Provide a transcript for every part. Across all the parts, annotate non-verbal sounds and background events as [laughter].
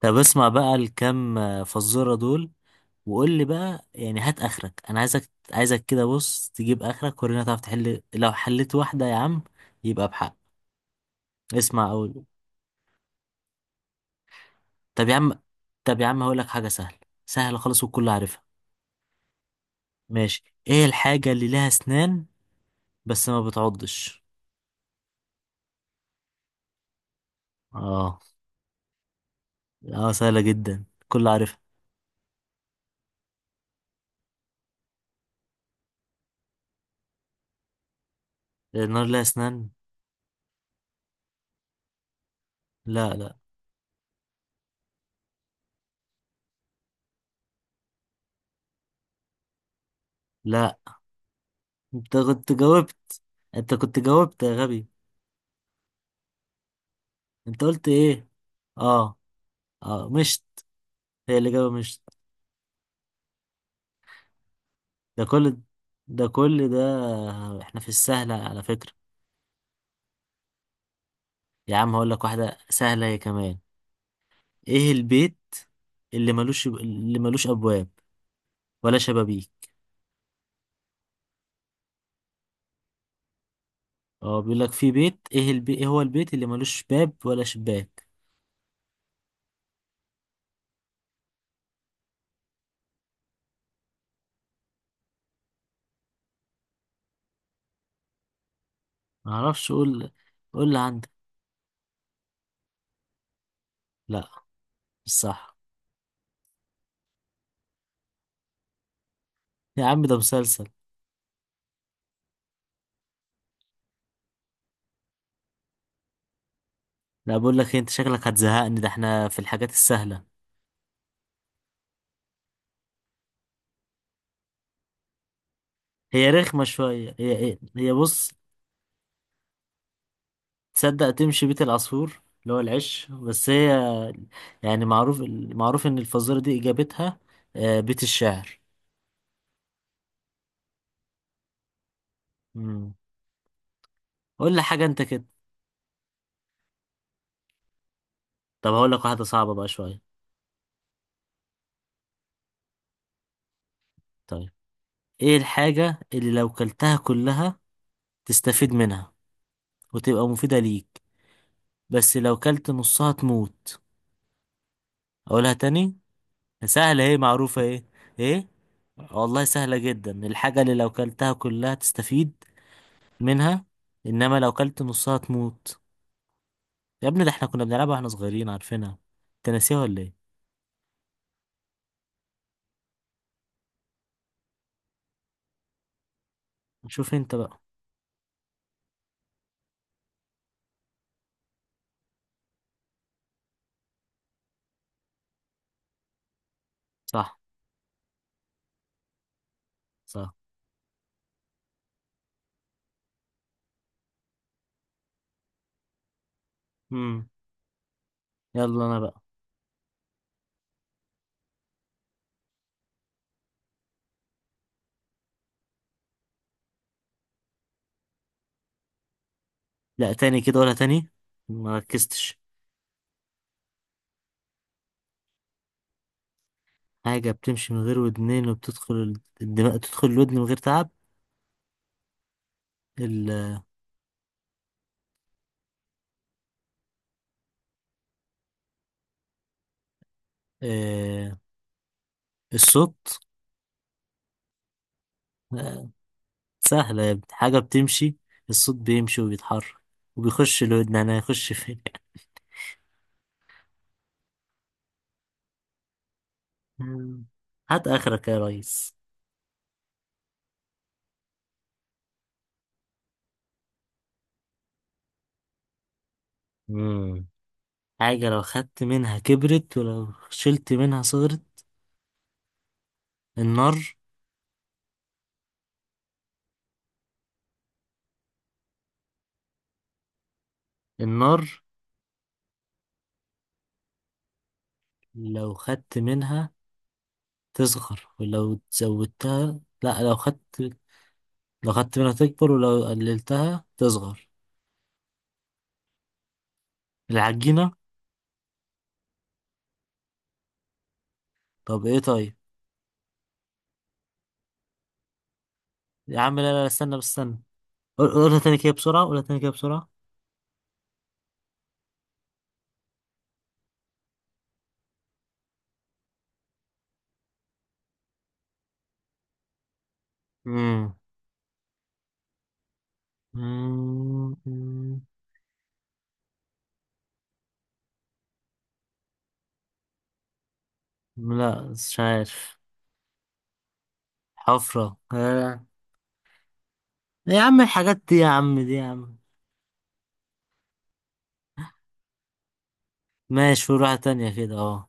طب اسمع بقى الكام فزورة دول. وقول لي بقى يعني هات اخرك. انا عايزك عايزك كده، بص تجيب اخرك ورينا تعرف تحل. لو حليت واحدة يا عم يبقى بحق. اسمع اول. طب يا عم طب يا عم هقول لك حاجة سهلة. سهلة خالص والكل عارفها. ماشي. ايه الحاجة اللي لها اسنان بس ما بتعضش؟ اه. اه سهلة جدا الكل عارفها. النار لها اسنان. لا لا لا. انت كنت جاوبت انت كنت جاوبت يا غبي. انت قلت ايه؟ اه. اه، مش، هي الإجابة مش... ده كل ده كل ده، احنا في السهلة على فكرة. يا عم هقول لك واحدة سهلة هي كمان. ايه البيت اللي ملوش أبواب ولا شبابيك؟ اه، بيقول لك في بيت، ايه ايه هو البيت اللي ملوش باب ولا شباك؟ معرفش، قول. قول اللي عندك. لا مش صح. يا عم ده مسلسل. لا بقول لك إيه، انت شكلك هتزهقني، ده احنا في الحاجات السهلة. هي رخمة شوية. هي بص. تصدق تمشي بيت العصفور اللي هو العش، بس هي يعني معروف. معروف ان الفزورة دي اجابتها آه، بيت الشعر. مم. قول لي حاجة انت كده. طب هقول لك واحدة صعبة بقى شوية. طيب، ايه الحاجة اللي لو كلتها كلها تستفيد منها وتبقى مفيدة ليك، بس لو كلت نصها تموت؟ اقولها تاني. سهلة ايه، معروفة ايه؟ ايه؟ والله سهلة جدا. الحاجة اللي لو كلتها كلها تستفيد منها، انما لو كلت نصها تموت. يا ابني ده احنا كنا بنلعبها واحنا صغيرين، عارفينها. انت ناسيها ولا ايه؟ شوف انت بقى. صح. صح. امم. يلا انا بقى. لا تاني كده، ولا تاني، ما ركزتش. حاجة بتمشي من غير ودنين وبتدخل الدماغ، تدخل الودن من غير تعب. ال... آه... الصوت. آه... سهلة يا ابني. حاجة بتمشي، الصوت بيمشي وبيتحرك وبيخش الودن. انا هيخش فين؟ مم. هات اخرك يا ريس. مم. حاجة لو خدت منها كبرت، ولو شلت منها صغرت. النار. النار. لو خدت منها تصغر ولو زودتها، لا، لو خدت، لو خدت منها تكبر ولو قللتها تصغر. العجينة. طب ايه؟ طيب. يا عم لا لا استنى، بس استنى. قولها تاني كده بسرعة، قولها تاني كده بسرعة. مم. مم. مم. لا مش عارف. حفرة آه. يا عم الحاجات دي، يا عم دي، يا عم. ماشي، قول واحدة تانية كده، اه.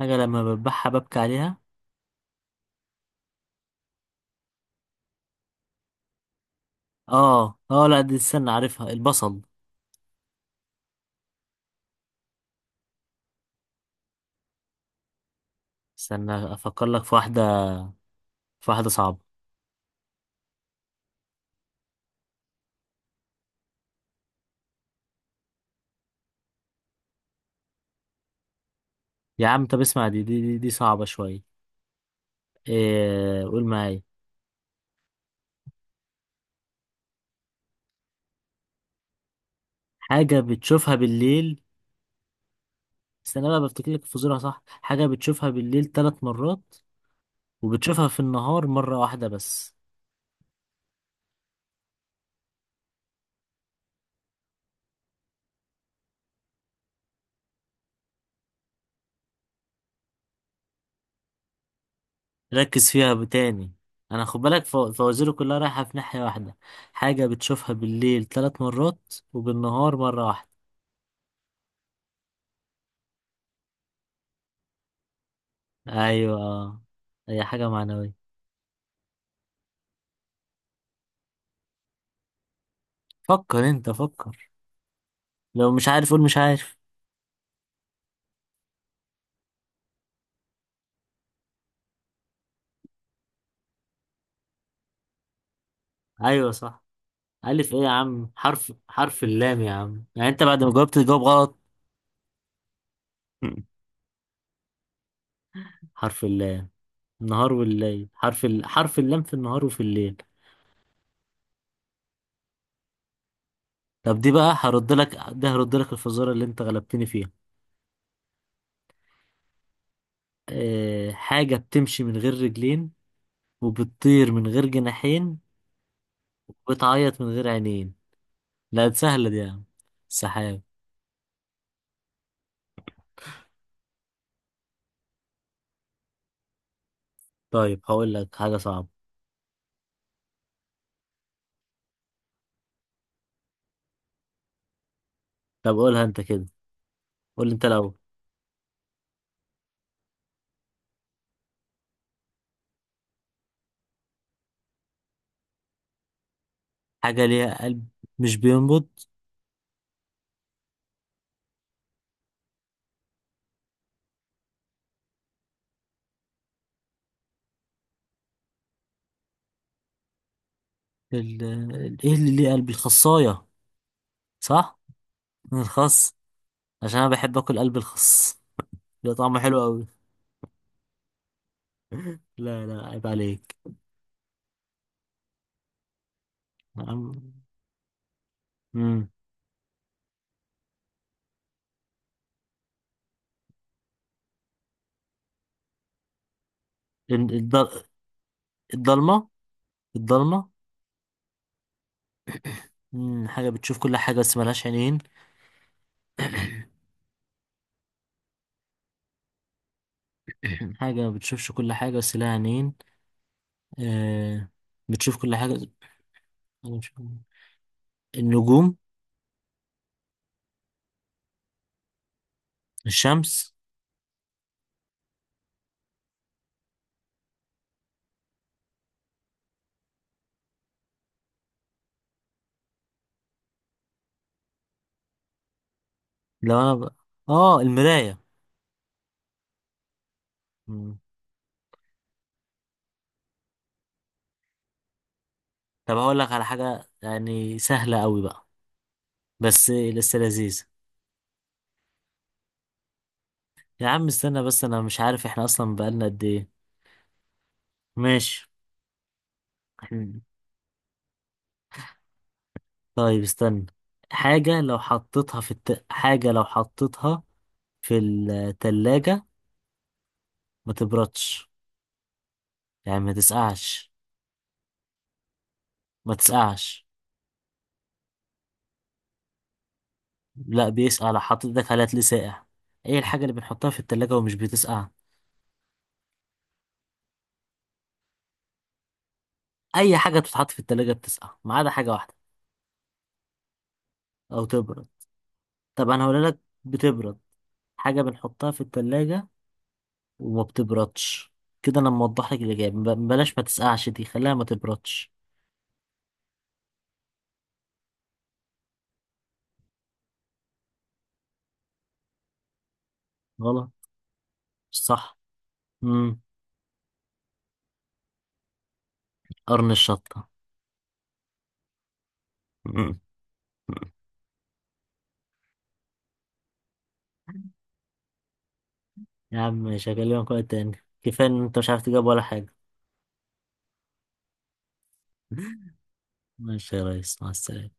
حاجة لما بذبحها ببكي عليها. اه. اه. لا دي، استنى، عارفها، البصل. استنى افكر لك في واحدة، في واحدة صعبة. يا عم طب اسمع دي صعبة شوية. إيه؟ قول معايا. حاجة بتشوفها بالليل. استنى بقى بفتكر لك الفزورة. صح، حاجة بتشوفها بالليل 3 مرات، وبتشوفها في النهار مرة واحدة بس. ركز فيها تاني. انا خد بالك، فوازيري كلها رايحة في ناحية واحدة. حاجة بتشوفها بالليل ثلاث مرات وبالنهار مرة واحدة. ايوه آه. هي حاجة معنوية. فكر انت، فكر. لو مش عارف قول مش عارف. ايوه صح. ألف إيه يا عم؟ حرف اللام يا عم، يعني أنت بعد ما جاوبت تجاوب غلط؟ حرف اللام. النهار والليل، حرف اللام في النهار وفي الليل. طب دي بقى هرد لك، ده هرد لك الفزورة اللي أنت غلبتني فيها. حاجة بتمشي من غير رجلين، وبتطير من غير جناحين، وبتعيط من غير عينين. لا دي سهلة دي يا عم. السحاب. طيب هقول لك حاجة صعبة. طب قولها أنت كده. قول أنت الأول. حاجة ليها قلب مش بينبض. إيه اللي ليه قلب؟ الخصاية صح؟ من الخس، عشان انا بحب اكل قلب الخس، ده طعمه حلو قوي. لا لا عيب عليك. نعم. امم. الضلمه. الضلمه. حاجه بتشوف كل حاجه بس ملهاش عينين. [clears throat] حاجه ما بتشوفش كل حاجه بس لها عينين. آه، بتشوف كل حاجه. أنا مش- النجوم. الشمس. لو انا ب... اه المرايه. مم. طب هقول لك على حاجه يعني سهله قوي بقى. بس لسه لذيذه. يا عم استنى بس، انا مش عارف احنا اصلا بقالنا قد ايه. ماشي. مم. طيب استنى. حاجة لو حطيتها حاجة لو حطيتها في التلاجة ما تبردش، يعني ما تسقعش. ما تسقعش. لا بيسقع، لو حطيت ايدك عليها تلاقيه ساقع. ايه الحاجة اللي بنحطها في التلاجة ومش بتسقع؟ اي حاجة بتتحط في التلاجة بتسقع ما عدا حاجة واحدة، او تبرد. طب انا هقول لك، بتبرد. حاجة بنحطها في التلاجة وما بتبردش. كده انا موضح لك الاجابة، بلاش ما تسقعش دي، خليها ما تبردش. غلط. مش صح. امم. قرن الشطة. مم. يا عم مش هكلمك وقت تاني، كفاية ان انت مش عارف تجاوب ولا حاجة. ماشي يا ريس، مع السلامة.